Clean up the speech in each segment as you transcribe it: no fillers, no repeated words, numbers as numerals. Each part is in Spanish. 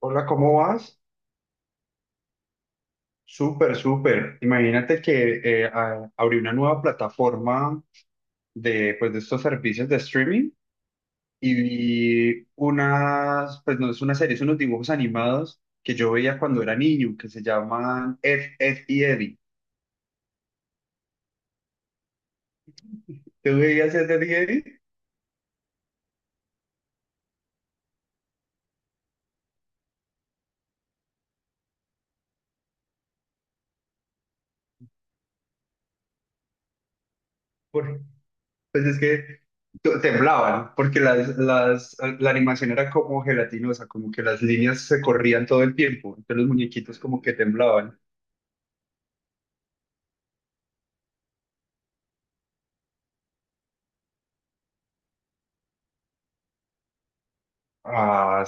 Hola, ¿cómo vas? Súper, súper. Imagínate que abrí una nueva plataforma de, pues, de estos servicios de streaming y vi unas, pues no es una serie, son unos dibujos animados que yo veía cuando era niño, que se llaman Ed, Ed y Eddie. ¿Tú veías Ed, Ed y Eddie? Por- pues es que temblaban, porque la animación era como gelatinosa, como que las líneas se corrían todo el tiempo, entonces los muñequitos como que temblaban. Ah,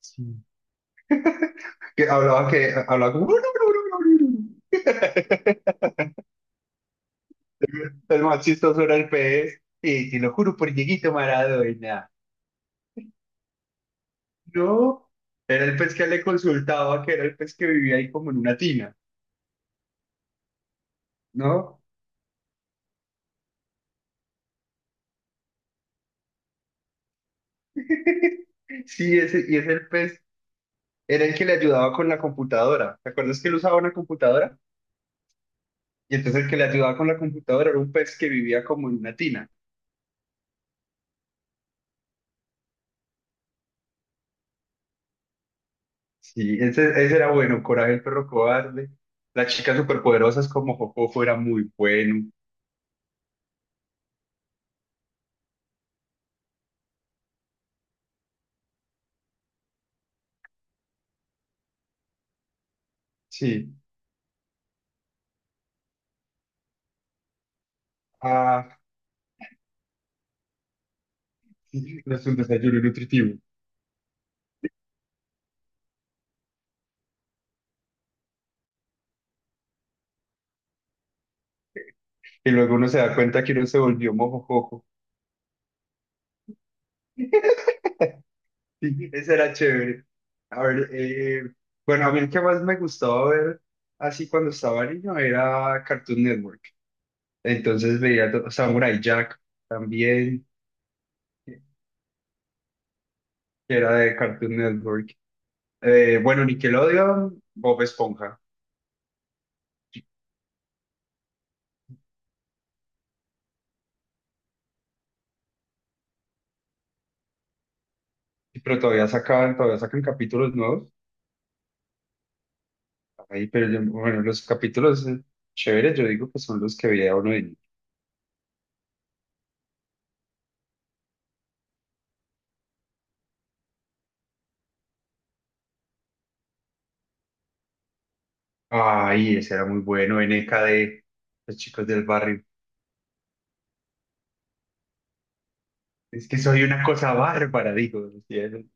sí. Que hablaba como... El más chistoso era el pez. Y te lo juro por Dieguito Maradona. No, era el pez que le consultaba, que era el pez que vivía ahí como en una tina, ¿no? Sí, ese, y ese el pez era el que le ayudaba con la computadora. ¿Te acuerdas que él usaba una computadora? Y entonces el que le ayudaba con la computadora era un pez que vivía como en una tina. Sí, ese era bueno. Coraje el perro cobarde. Las chicas superpoderosas como Jojojo era muy bueno. Sí, ah, sí, es un desayuno nutritivo. Y luego uno se da cuenta que uno se volvió mojojojo. Sí, eso era chévere. A ver, eh, bueno, a mí el que más me gustaba ver así cuando estaba niño era Cartoon Network. Entonces veía Samurai Jack también, que era de Cartoon Network. Bueno, Nickelodeon, Bob Esponja. Sí, pero todavía sacan capítulos nuevos. Ahí, pero bueno, los capítulos chéveres, yo digo que son los que veía uno de niño. Ay, ese era muy bueno, NKD, los chicos del barrio. Es que soy una cosa bárbara, digo. Decía él.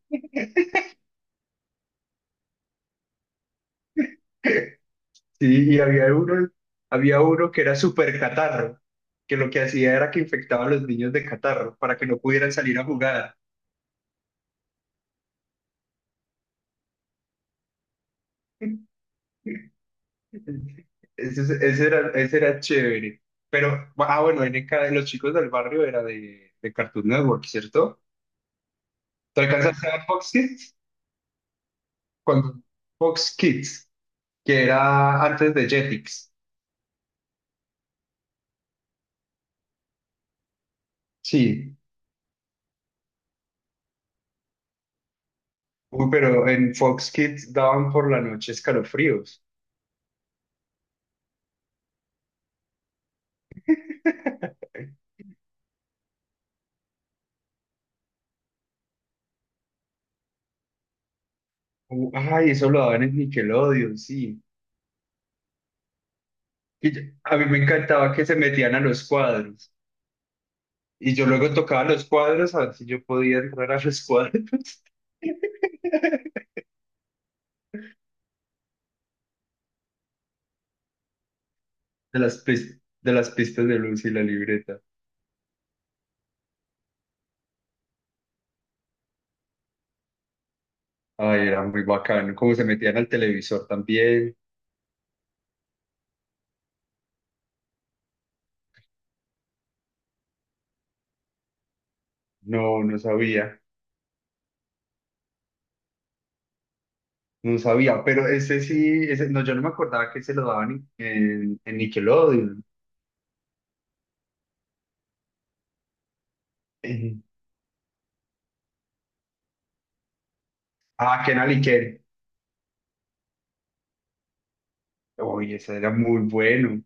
Sí, había uno que era súper catarro, que lo que hacía era que infectaba a los niños de catarro para que no pudieran salir a jugar. Ese era chévere. Pero, ah, bueno, NKD, los chicos del barrio era de Cartoon Network, ¿cierto? ¿Te alcanzaste a Fox Kids? Cuando Fox Kids, que era antes de Jetix. Sí. Uy, pero en Fox Kids daban por la noche escalofríos. Ay, eso lo daban en Nickelodeon, sí. A mí me encantaba que se metían a los cuadros. Y yo luego tocaba los cuadros a ver si yo podía entrar a los cuadros de de las pistas de luz y la libreta. Ay, era muy bacano. Como se metían al televisor también. No, no sabía. No sabía, pero ese sí, ese, no, yo no me acordaba que se lo daban en, en Nickelodeon. Ah, Kenal y Ken. Oye, ese era muy bueno.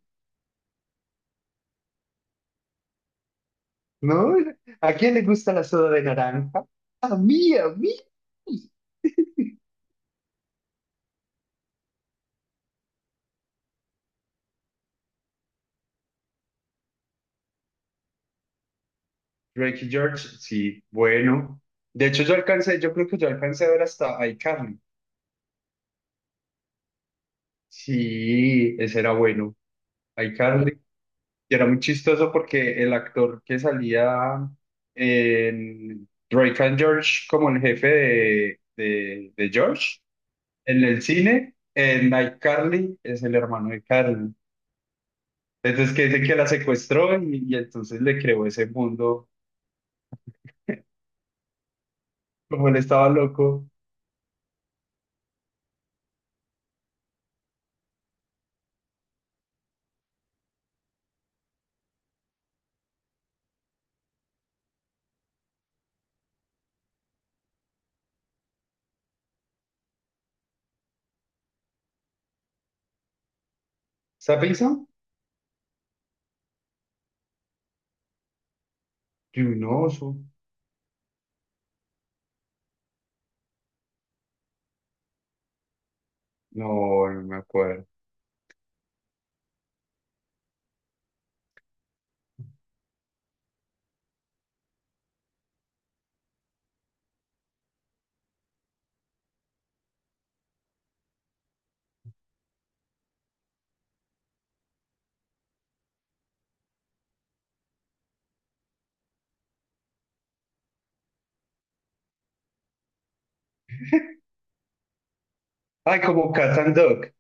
¿No? ¿A quién le gusta la soda de naranja? A mí, a mí. Drake y George, sí, bueno. De hecho, yo alcancé, yo creo que yo alcancé a ver hasta iCarly. Sí, ese era bueno. iCarly. Y era muy chistoso porque el actor que salía en Drake and George como el jefe de, de George en el cine, en iCarly, es el hermano de Carly. Entonces que dice que la secuestró y entonces le creó ese mundo, como él estaba loco. ¿Sapinson? Junoso. No, no me acuerdo. Ay, como Cat and Dog.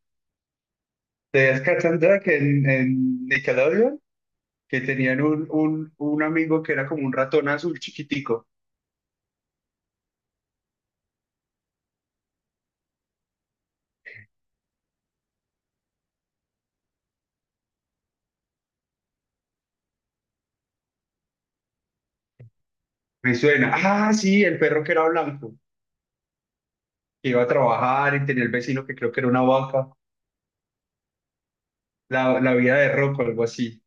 ¿Te veías Cat and Dog en, Nickelodeon? Que tenían un, un amigo que era como un ratón azul chiquitico. Me suena. Ah, sí, el perro que era blanco, que iba a trabajar y tenía el vecino que creo que era una vaca. La vida de Rocco, algo así,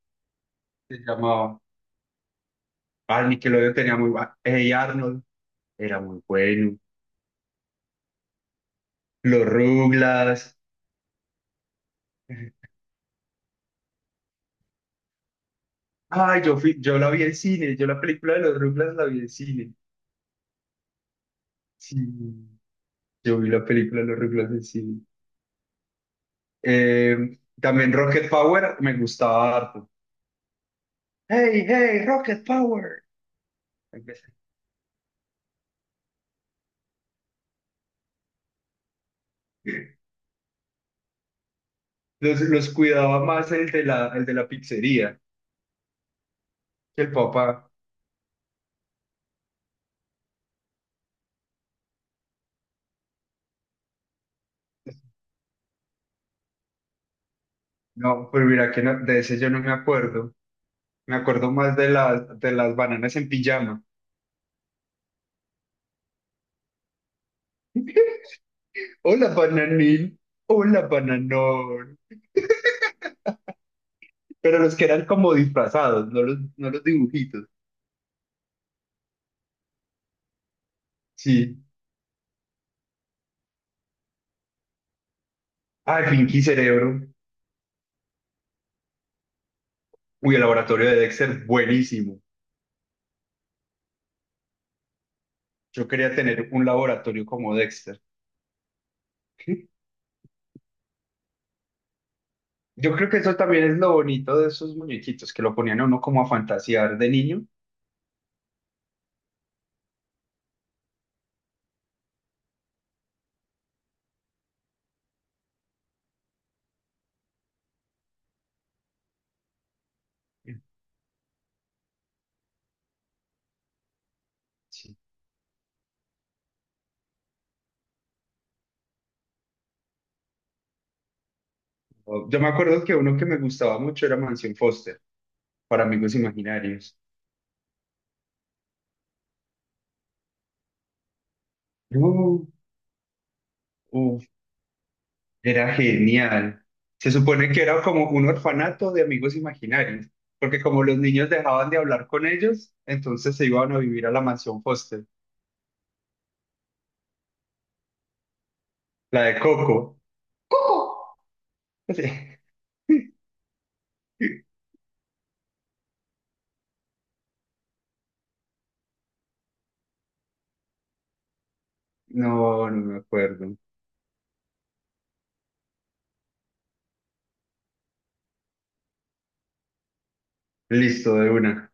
se llamaba. Ah, Nickelodeon tenía muy... Hey Arnold. Era muy bueno. Los Ruglas. Ay, yo fui, yo la vi en cine, yo la película de los Ruglas la vi en cine. Sí, yo vi la película de los Ruglas en cine. También Rocket Power me gustaba harto. Hey, hey, Rocket Power. Empecé. Los cuidaba más el de la pizzería que el papá. No, pero mira que de ese yo no me acuerdo. Me acuerdo más de las bananas en pijama. Hola, bananín. Hola, bananón. Pero los que eran como disfrazados, no los, no los dibujitos. Sí. Ah, Pinky Cerebro. Uy, el laboratorio de Dexter, buenísimo. Yo quería tener un laboratorio como Dexter. Yo creo que eso también es lo bonito de esos muñequitos, que lo ponían a uno como a fantasear de niño. Sí. Yo me acuerdo que uno que me gustaba mucho era Mansión Foster, para Amigos Imaginarios. No, era genial. Se supone que era como un orfanato de amigos imaginarios, porque como los niños dejaban de hablar con ellos, entonces se iban a vivir a la mansión Foster, la de Coco. No, no me acuerdo. Listo, de una.